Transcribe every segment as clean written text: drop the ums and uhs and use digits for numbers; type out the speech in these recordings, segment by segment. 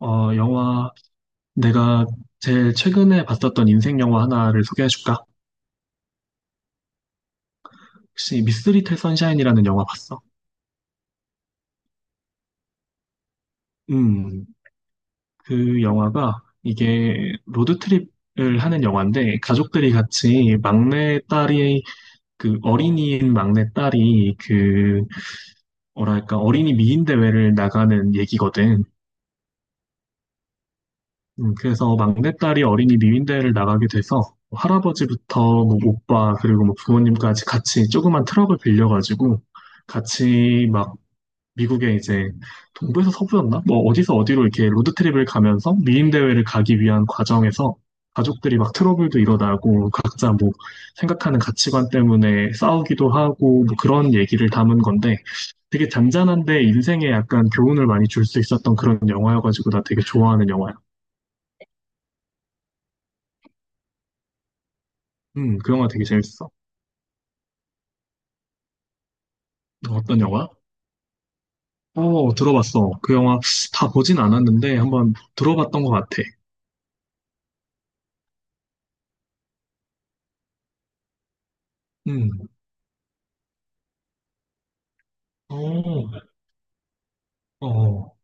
어, 영화, 내가 제일 최근에 봤었던 인생 영화 하나를 소개해줄까? 혹시 미스 리틀 선샤인이라는 영화 봤어? 음, 그 영화가 이게 로드트립을 하는 영화인데 가족들이 같이 막내 딸이, 그 어린이인 막내 딸이 그, 뭐랄까, 어린이 미인 대회를 나가는 얘기거든. 그래서 막내딸이 어린이 미윈대회를 나가게 돼서 할아버지부터 뭐 오빠 그리고 뭐 부모님까지 같이 조그만 트럭을 빌려가지고 같이 막 미국에 이제 동부에서 서부였나? 뭐 어디서 어디로 이렇게 로드트립을 가면서 미인대회를 가기 위한 과정에서 가족들이 막 트러블도 일어나고 각자 뭐 생각하는 가치관 때문에 싸우기도 하고 뭐 그런 얘기를 담은 건데 되게 잔잔한데 인생에 약간 교훈을 많이 줄 수 있었던 그런 영화여가지고 나 되게 좋아하는 영화야. 그 영화 되게 재밌어. 어떤 영화? 어, 들어봤어. 그 영화 다 보진 않았는데 한번 들어봤던 것 같아. 음, 어, 어,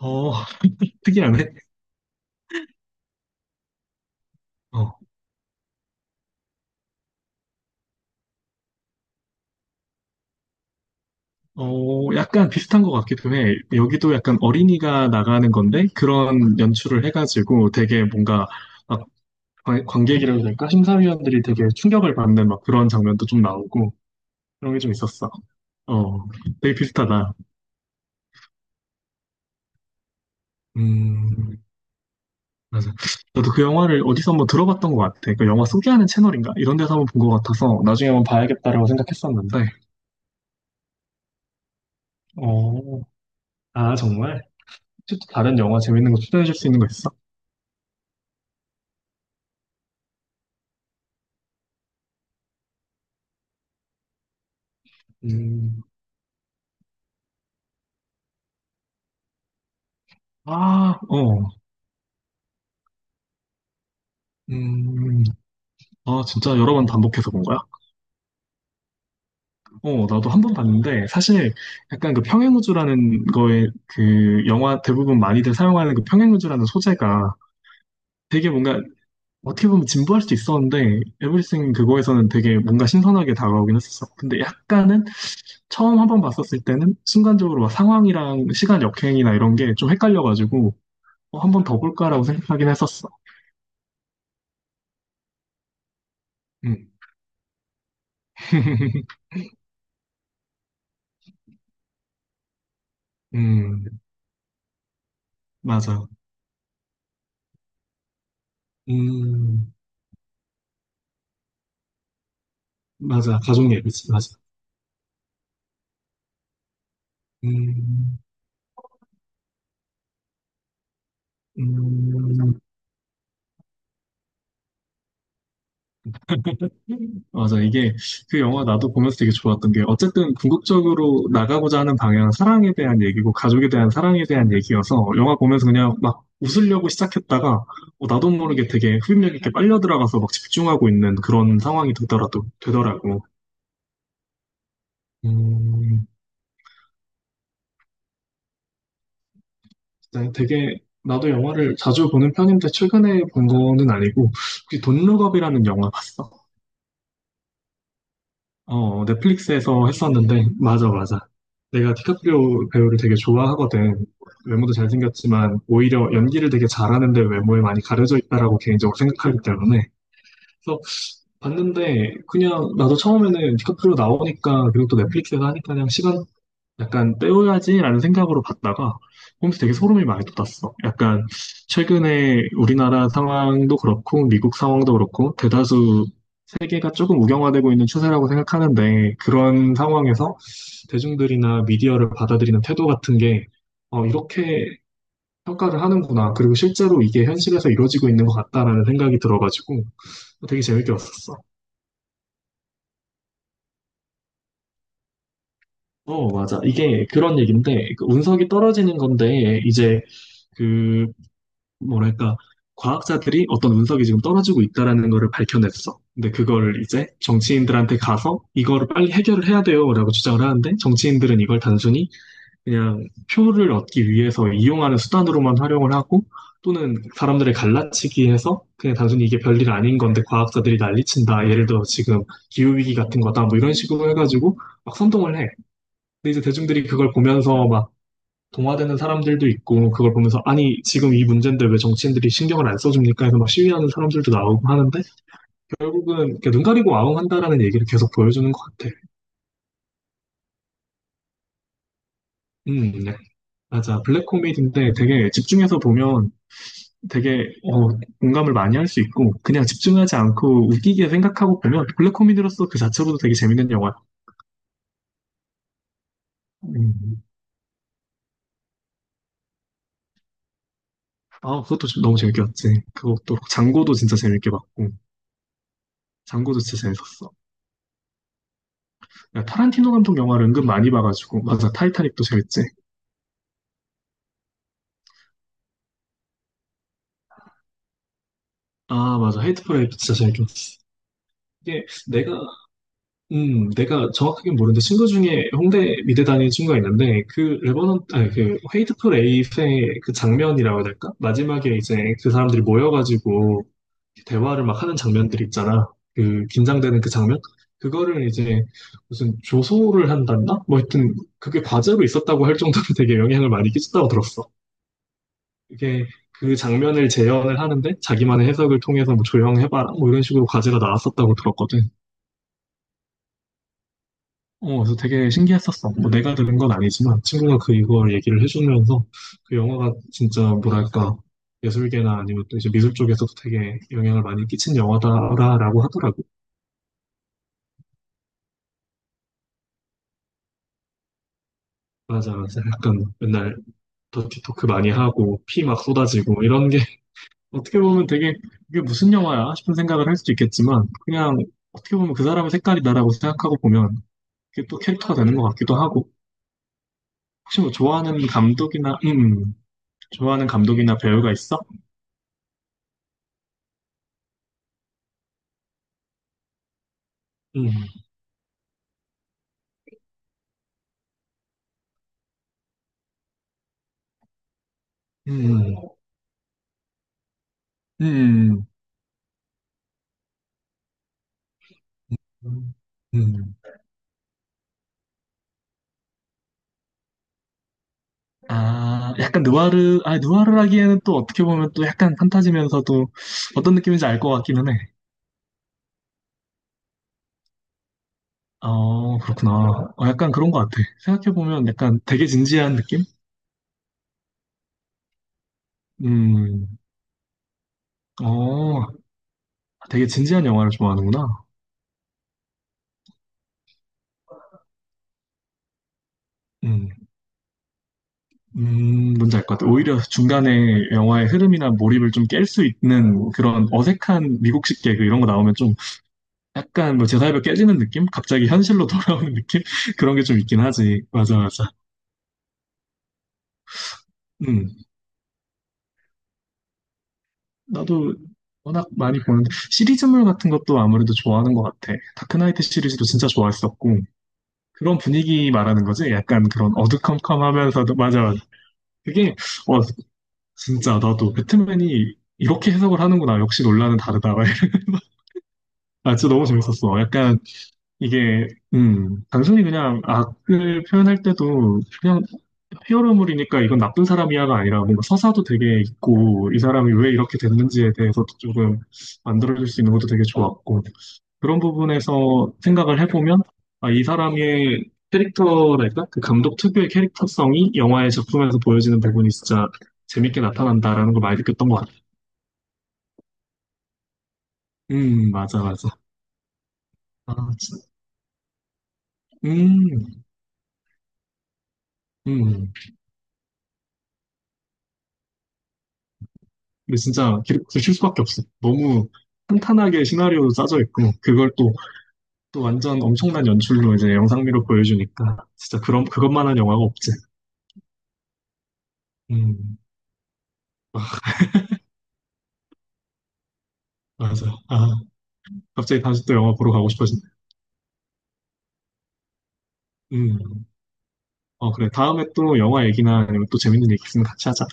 어, 특이하네. 어, 어, 약간 비슷한 것 같기도 해. 여기도 약간 어린이가 나가는 건데 그런 연출을 해가지고 되게 뭔가 막 관객이라고 해야 될까? 심사위원들이 되게 충격을 받는 막 그런 장면도 좀 나오고 그런 게 좀 있었어. 어, 되게 비슷하다. 음, 맞아. 저도 그 영화를 어디서 한번 들어봤던 것 같아. 그 영화 소개하는 채널인가? 이런 데서 한번 본 것 같아서 나중에 한번 봐야겠다라고 생각했었는데. 어, 아, 정말? 혹시 또 다른 영화 재밌는 거 추천해 줄 수 있는 거 있어? 음, 아, 어. 음, 아, 진짜 여러 번 반복해서 본 거야? 어, 나도 한번 봤는데, 사실 약간 그 평행우주라는 거에 그 영화 대부분 많이들 사용하는 그 평행우주라는 소재가 되게 뭔가 어떻게 보면 진부할 수도 있었는데 에브리싱 그거에서는 되게 뭔가 신선하게 다가오긴 했었어. 근데 약간은 처음 한번 봤었을 때는 순간적으로 막 상황이랑 시간 역행이나 이런 게 좀 헷갈려가지고 어, 한 번 더 볼까라고 생각하긴 했었어. 음, 음, 맞아. 음, 맞아. 가족 예비지 맞아. 음, 음. 맞아. 이게 그 영화 나도 보면서 되게 좋았던 게 어쨌든 궁극적으로 나가고자 하는 방향은 사랑에 대한 얘기고 가족에 대한 사랑에 대한 얘기여서 영화 보면서 그냥 막 웃으려고 시작했다가 어, 나도 모르게 되게 흡입력 있게 빨려 들어가서 막 집중하고 있는 그런 상황이 되더라도 되더라고. 음, 네, 되게 나도 영화를 자주 보는 편인데 최근에 본 거는 아니고 혹시 돈룩업이라는 영화 봤어? 어, 넷플릭스에서 했었는데, 맞아, 맞아. 내가 디카프리오 배우를 되게 좋아하거든. 외모도 잘생겼지만, 오히려 연기를 되게 잘하는데 외모에 많이 가려져 있다라고 개인적으로 생각하기 때문에. 그래서 봤는데, 그냥 나도 처음에는 디카프리오 나오니까, 그리고 또 넷플릭스에서 하니까 그냥 시간 약간 때워야지라는 생각으로 봤다가 보면서 되게 소름이 많이 돋았어. 약간 최근에 우리나라 상황도 그렇고 미국 상황도 그렇고 대다수 세계가 조금 우경화되고 있는 추세라고 생각하는데 그런 상황에서 대중들이나 미디어를 받아들이는 태도 같은 게 어, 이렇게 평가를 하는구나. 그리고 실제로 이게 현실에서 이루어지고 있는 것 같다라는 생각이 들어가지고 되게 재밌게 봤었어. 어, 맞아. 이게 그런 얘기인데, 그 운석이 떨어지는 건데, 이제 그 뭐랄까, 과학자들이 어떤 운석이 지금 떨어지고 있다라는 거를 밝혀냈어. 근데 그거를 이제 정치인들한테 가서 이거를 빨리 해결을 해야 돼요라고 주장을 하는데 정치인들은 이걸 단순히 그냥 표를 얻기 위해서 이용하는 수단으로만 활용을 하고 또는 사람들을 갈라치기 해서 그냥 단순히 이게 별일 아닌 건데 과학자들이 난리친다. 예를 들어 지금 기후위기 같은 거다. 뭐 이런 식으로 해가지고 막 선동을 해. 근데 이제 대중들이 그걸 보면서 막 동화되는 사람들도 있고 그걸 보면서 아니 지금 이 문제인데 왜 정치인들이 신경을 안 써줍니까 해서 막 시위하는 사람들도 나오고 하는데 결국은 이렇게 눈 가리고 아웅한다라는 얘기를 계속 보여주는 것 같아. 네. 맞아. 블랙 코미디인데 되게 집중해서 보면 되게 어, 공감을 많이 할 수 있고 그냥 집중하지 않고 웃기게 생각하고 보면 블랙 코미디로서 그 자체로도 되게 재밌는 영화야. 음. 아, 그것도 좀 너무 재밌게 봤지. 그것도 장고도 진짜 재밌게 봤고 장고도 진짜 재밌었어. 야, 타란티노 감독 영화를 은근 많이 봐가지고 맞아 타이타닉도 재밌지 아 맞아 헤이트풀 에이트 진짜 재밌었어 이게 내가 내가 정확하게 모르는데 친구 중에 홍대 미대 다니는 친구가 있는데 그 레버넌 아니 그 헤이트풀 에이트의 그 장면이라고 해야 될까 마지막에 이제 그 사람들이 모여가지고 대화를 막 하는 장면들 있잖아 그 긴장되는 그 장면 그거를 이제 무슨 조소를 한단다 뭐 하여튼 그게 과제로 있었다고 할 정도로 되게 영향을 많이 끼쳤다고 들었어 이게 그 장면을 재현을 하는데 자기만의 해석을 통해서 뭐 조형해봐라 뭐 이런 식으로 과제가 나왔었다고 들었거든. 어, 그래서 되게 신기했었어. 뭐 내가 들은 건 아니지만 친구가 그 이걸 얘기를 해주면서 그 영화가 진짜 뭐랄까 예술계나 아니면 또 이제 미술 쪽에서도 되게 영향을 많이 끼친 영화다라고 하더라고. 맞아, 맞아. 약간 맨날 더티토크 많이 하고 피 막 쏟아지고 이런 게 어떻게 보면 되게 이게 무슨 영화야 싶은 생각을 할 수도 있겠지만 그냥 어떻게 보면 그 사람의 색깔이다라고 생각하고 보면 그게 또 캐릭터가 되는 것 같기도 하고. 혹시 뭐 좋아하는 감독이나, 좋아하는 감독이나 배우가 있어? 음, 음, 음, 음. 아, 약간 느와르, 아, 느와르라기에는 또 어떻게 보면 또 약간 판타지면서도 어떤 느낌인지 알 것 같기는 해. 어, 그렇구나. 어, 약간 그런 것 같아. 생각해보면 약간 되게 진지한 느낌? 음, 어, 되게 진지한 영화를 좋아하는구나. 음. 뭔지 알 것 같아요. 오히려 중간에 영화의 흐름이나 몰입을 좀 깰 수 있는 그런 어색한 미국식 개그 이런 거 나오면 좀 약간 뭐 제사협에 깨지는 느낌? 갑자기 현실로 돌아오는 느낌? 그런 게 좀 있긴 하지. 맞아, 맞아. 음, 나도 워낙 많이 보는데 시리즈물 같은 것도 아무래도 좋아하는 것 같아. 다크나이트 시리즈도 진짜 좋아했었고 그런 분위기 말하는 거지? 약간 그런 어두컴컴하면서도 맞아, 맞아. 그게 와, 진짜 나도 배트맨이 이렇게 해석을 하는구나. 역시 논란은 다르다. 아, 진짜 너무 재밌었어. 약간 이게 단순히 그냥 악을 표현할 때도 그냥 히어로물이니까 이건 나쁜 사람이야가 아니라 뭔가 서사도 되게 있고 이 사람이 왜 이렇게 됐는지에 대해서도 조금 만들어줄 수 있는 것도 되게 좋았고 그런 부분에서 생각을 해보면 아, 이 사람의 캐릭터랄까? 그 감독 특유의 캐릭터성이 영화의 작품에서 보여지는 부분이 진짜 재밌게 나타난다라는 걸 많이 느꼈던 것 같아. 맞아, 맞아. 아, 음, 음. 근데 진짜 들쉴 수밖에 없어. 너무 탄탄하게 시나리오도 짜져 있고, 또 완전 엄청난 연출로 이제 영상미로 보여주니까, 진짜 그런, 그것만한 영화가 없지. 음, 아, 맞아. 아, 갑자기 다시 또 영화 보러 가고 싶어지네. 음, 어, 그래. 다음에 또 영화 얘기나 아니면 또 재밌는 얘기 있으면 같이 하자.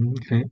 그래.